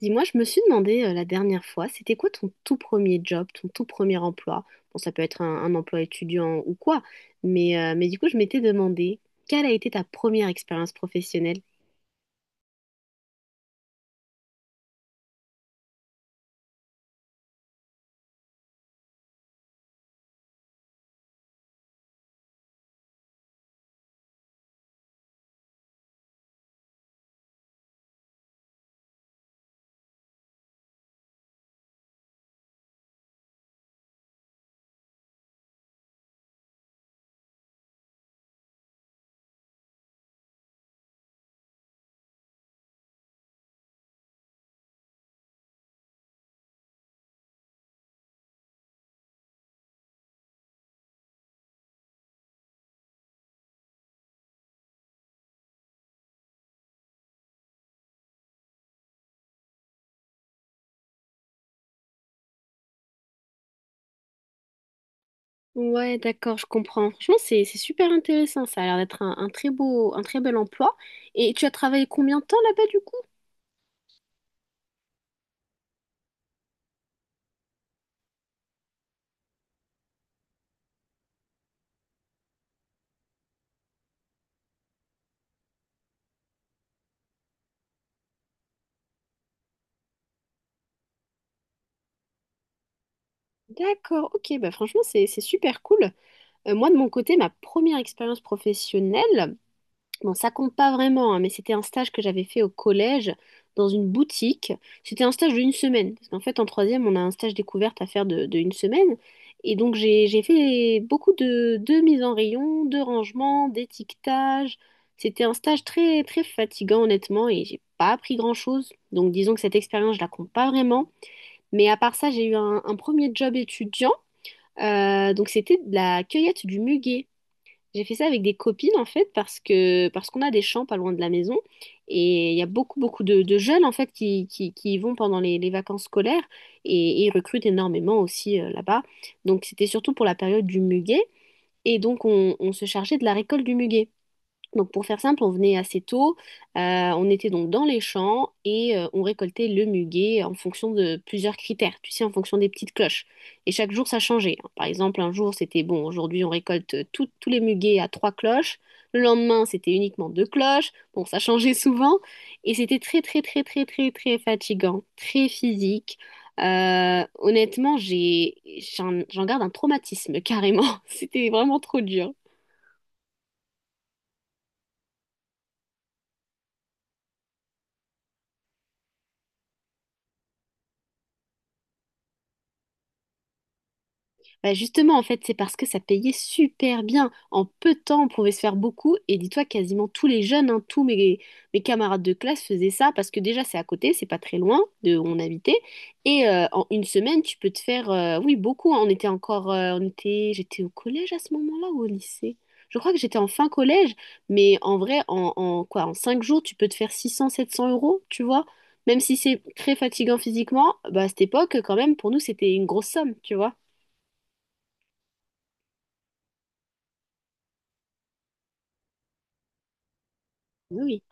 Dis-moi, je me suis demandé la dernière fois, c'était quoi ton tout premier job, ton tout premier emploi? Bon, ça peut être un emploi étudiant ou quoi, mais du coup, je m'étais demandé, quelle a été ta première expérience professionnelle? Ouais, d'accord, je comprends. Franchement, c'est super intéressant. Ça a l'air d'être un très bel emploi. Et tu as travaillé combien de temps là-bas du coup? D'accord, ok, bah franchement, c'est super cool. Moi, de mon côté, ma première expérience professionnelle, bon, ça compte pas vraiment, hein, mais c'était un stage que j'avais fait au collège dans une boutique. C'était un stage d'une semaine, parce qu'en fait, en troisième, on a un stage découverte à faire de une semaine. Et donc, j'ai fait beaucoup de mises en rayon, de rangement, d'étiquetage. C'était un stage très, très fatigant, honnêtement, et j'ai pas appris grand-chose. Donc, disons que cette expérience, je la compte pas vraiment. Mais à part ça, j'ai eu un premier job étudiant. Donc, c'était de la cueillette du muguet. J'ai fait ça avec des copines en fait parce qu'on a des champs pas loin de la maison et il y a beaucoup de jeunes en fait qui y vont pendant les vacances scolaires et ils recrutent énormément aussi là-bas. Donc c'était surtout pour la période du muguet et donc on se chargeait de la récolte du muguet. Donc pour faire simple, on venait assez tôt, euh, on était donc dans les champs et on récoltait le muguet en fonction de plusieurs critères, tu sais, en fonction des petites cloches. Et chaque jour, ça changeait, hein. Par exemple, un jour, c'était bon, aujourd'hui, on récolte tous les muguets à trois cloches. Le lendemain, c'était uniquement deux cloches. Bon, ça changeait souvent et c'était très, très, très, très, très, très fatigant, très physique. Honnêtement, j'en garde un traumatisme carrément. C'était vraiment trop dur. Bah justement, en fait, c'est parce que ça payait super bien. En peu de temps, on pouvait se faire beaucoup. Et dis-toi, quasiment tous les jeunes, hein, tous mes camarades de classe faisaient ça parce que déjà, c'est à côté, c'est pas très loin de où on habitait. Et en une semaine, tu peux te faire, oui, beaucoup, hein. On était encore, on était, j'étais au collège à ce moment-là ou au lycée? Je crois que j'étais en fin collège, mais en vrai, en 5 jours, tu peux te faire 600 700 euros, tu vois? Même si c'est très fatigant physiquement, bah, à cette époque, quand même, pour nous, c'était une grosse somme, tu vois? Oui.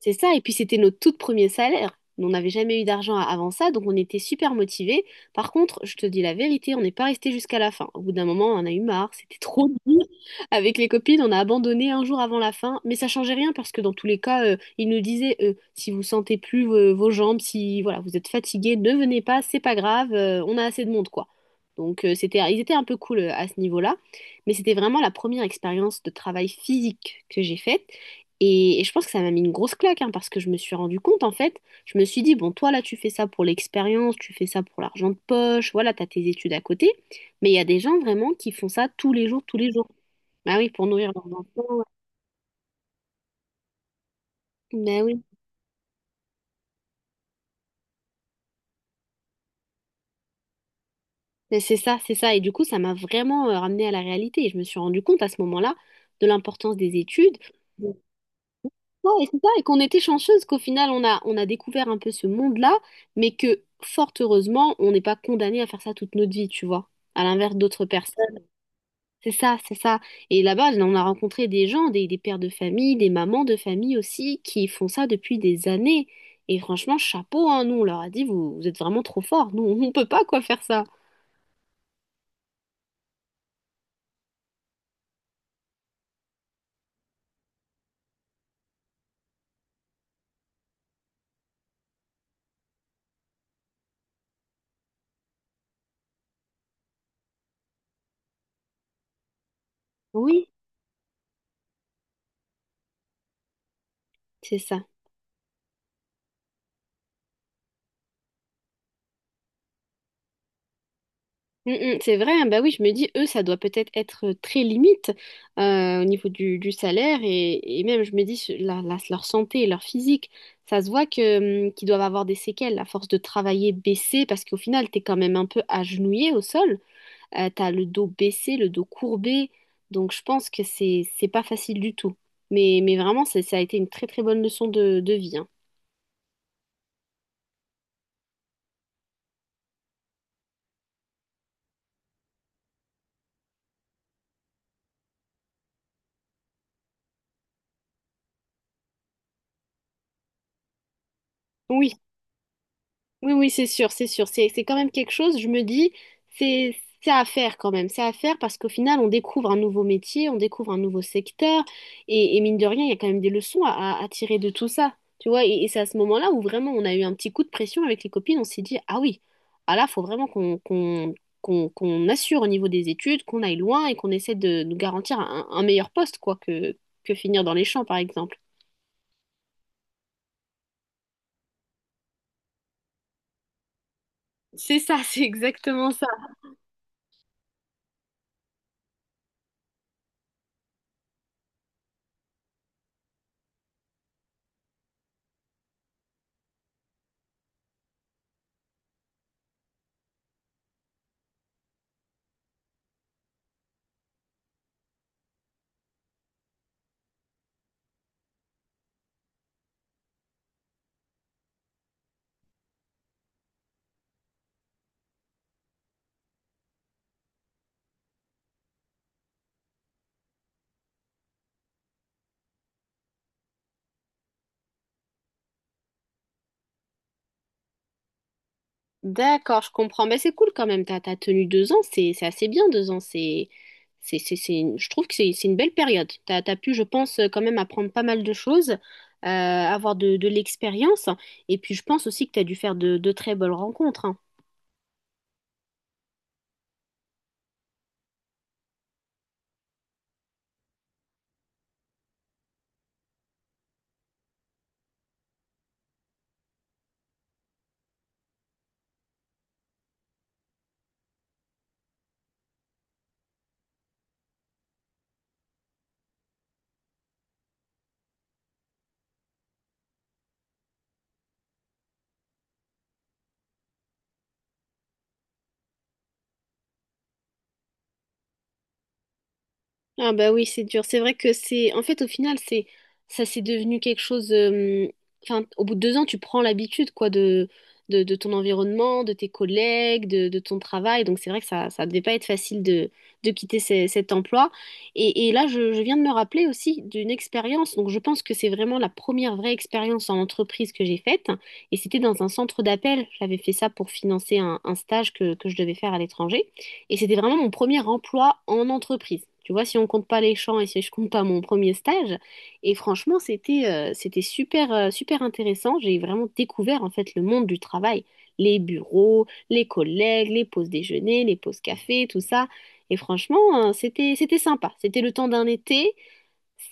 C'est ça, et puis c'était notre tout premier salaire. On n'avait jamais eu d'argent avant ça, donc on était super motivés. Par contre, je te dis la vérité, on n'est pas resté jusqu'à la fin. Au bout d'un moment, on en a eu marre, c'était trop dur. Avec les copines, on a abandonné un jour avant la fin, mais ça changeait rien parce que dans tous les cas, ils nous disaient si vous sentez plus vos jambes, si voilà, vous êtes fatigué, ne venez pas, c'est pas grave, on a assez de monde quoi. Donc c'était, ils étaient un peu cool à ce niveau-là, mais c'était vraiment la première expérience de travail physique que j'ai faite. Et je pense que ça m'a mis une grosse claque, hein, parce que je me suis rendu compte, en fait, je me suis dit, bon, toi, là, tu fais ça pour l'expérience, tu fais ça pour l'argent de poche, voilà, t'as tes études à côté, mais il y a des gens vraiment qui font ça tous les jours, tous les jours. Bah oui, pour nourrir leurs enfants. Bah oui, mais c'est ça, c'est ça. Et du coup, ça m'a vraiment ramenée à la réalité. Et je me suis rendu compte à ce moment-là de l'importance des études. De ça, et c'est ça, et qu'on était chanceuse qu'au final, on a découvert un peu ce monde-là, mais que fort heureusement, on n'est pas condamné à faire ça toute notre vie, tu vois. À l'inverse d'autres personnes. C'est ça, c'est ça. Et là-bas, on a rencontré des gens, des pères de famille, des mamans de famille aussi, qui font ça depuis des années. Et franchement, chapeau, hein, nous, on leur a dit, vous, vous êtes vraiment trop forts. Nous, on peut pas quoi faire ça. Oui, c'est ça. Mm, mm, c'est vrai, hein. Bah oui, je me dis, eux, ça doit peut-être être très limite au niveau du salaire et même, je me dis, leur santé et leur physique, ça se voit que, qu'ils doivent avoir des séquelles à force de travailler baissé parce qu'au final, t'es quand même un peu agenouillé au sol. T'as le dos baissé, le dos courbé. Donc je pense que c'est pas facile du tout. Mais vraiment, ça a été une très très bonne leçon de vie, hein. Oui. Oui, oui, c'est sûr, c'est sûr. C'est quand même quelque chose, je me dis, c'est, c'est à faire quand même. C'est à faire parce qu'au final, on découvre un nouveau métier, on découvre un nouveau secteur. Et mine de rien, il y a quand même des leçons à tirer de tout ça. Tu vois, et c'est à ce moment-là où vraiment on a eu un petit coup de pression avec les copines. On s'est dit, ah oui, ah là, faut vraiment qu'on assure au niveau des études, qu'on aille loin et qu'on essaie de nous garantir un meilleur poste, quoi, que finir dans les champs, par exemple. C'est ça, c'est exactement ça. D'accord, je comprends. Mais c'est cool quand même. T'as tenu 2 ans, c'est assez bien 2 ans. Je trouve que c'est une belle période. T'as pu, je pense, quand même apprendre pas mal de choses, avoir de l'expérience. Et puis, je pense aussi que t'as dû faire de très belles rencontres, hein. Ah bah oui, c'est dur. C'est vrai que c'est en fait, au final, c'est ça, c'est devenu quelque chose. Enfin, au bout de 2 ans, tu prends l'habitude, quoi, de de ton environnement, de tes collègues, de ton travail. Donc c'est vrai que ça devait pas être facile de quitter cet emploi. Et là, je viens de me rappeler aussi d'une expérience. Donc je pense que c'est vraiment la première vraie expérience en entreprise que j'ai faite. Et c'était dans un centre d'appel. J'avais fait ça pour financer un stage que je devais faire à l'étranger. Et c'était vraiment mon premier emploi en entreprise. Tu vois, si on compte pas les champs et si je compte pas mon premier stage. Et franchement, c'était super, super intéressant. J'ai vraiment découvert en fait le monde du travail, les bureaux, les collègues, les pauses déjeuner, les pauses café, tout ça. Et franchement, c'était sympa. C'était le temps d'un été.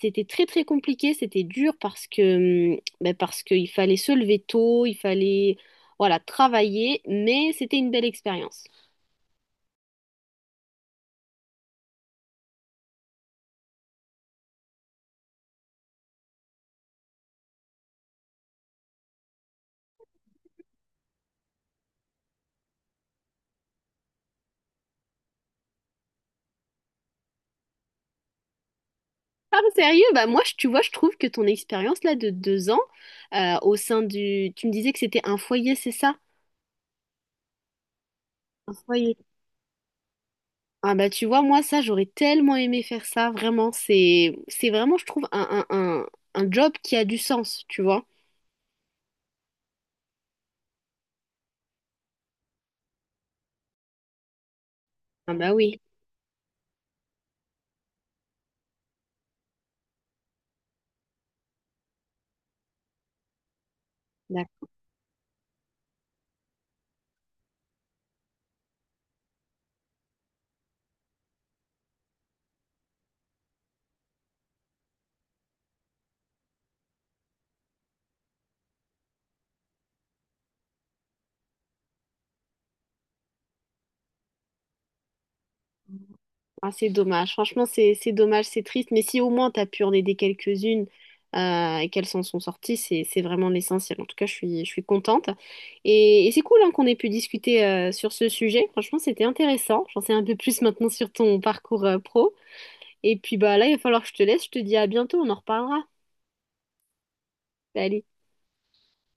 C'était très très compliqué, c'était dur parce que, ben, parce qu'il fallait se lever tôt, il fallait voilà, travailler, mais c'était une belle expérience. Ah, sérieux? Bah moi, tu vois, je trouve que ton expérience là de 2 ans au sein du. Tu me disais que c'était un foyer, c'est ça? Un foyer. Ah bah tu vois, moi, ça, j'aurais tellement aimé faire ça, vraiment. C'est vraiment, je trouve, un, un job qui a du sens, tu vois? Ah bah oui. Ah, c'est dommage. Franchement, c'est dommage, c'est triste. Mais si au moins tu as pu en aider quelques-unes et qu'elles s'en sont sorties, c'est vraiment l'essentiel. En tout cas, je suis contente. Et c'est cool hein, qu'on ait pu discuter sur ce sujet. Franchement, c'était intéressant. J'en sais un peu plus maintenant sur ton parcours pro. Et puis bah là, il va falloir que je te laisse. Je te dis à bientôt. On en reparlera. Allez.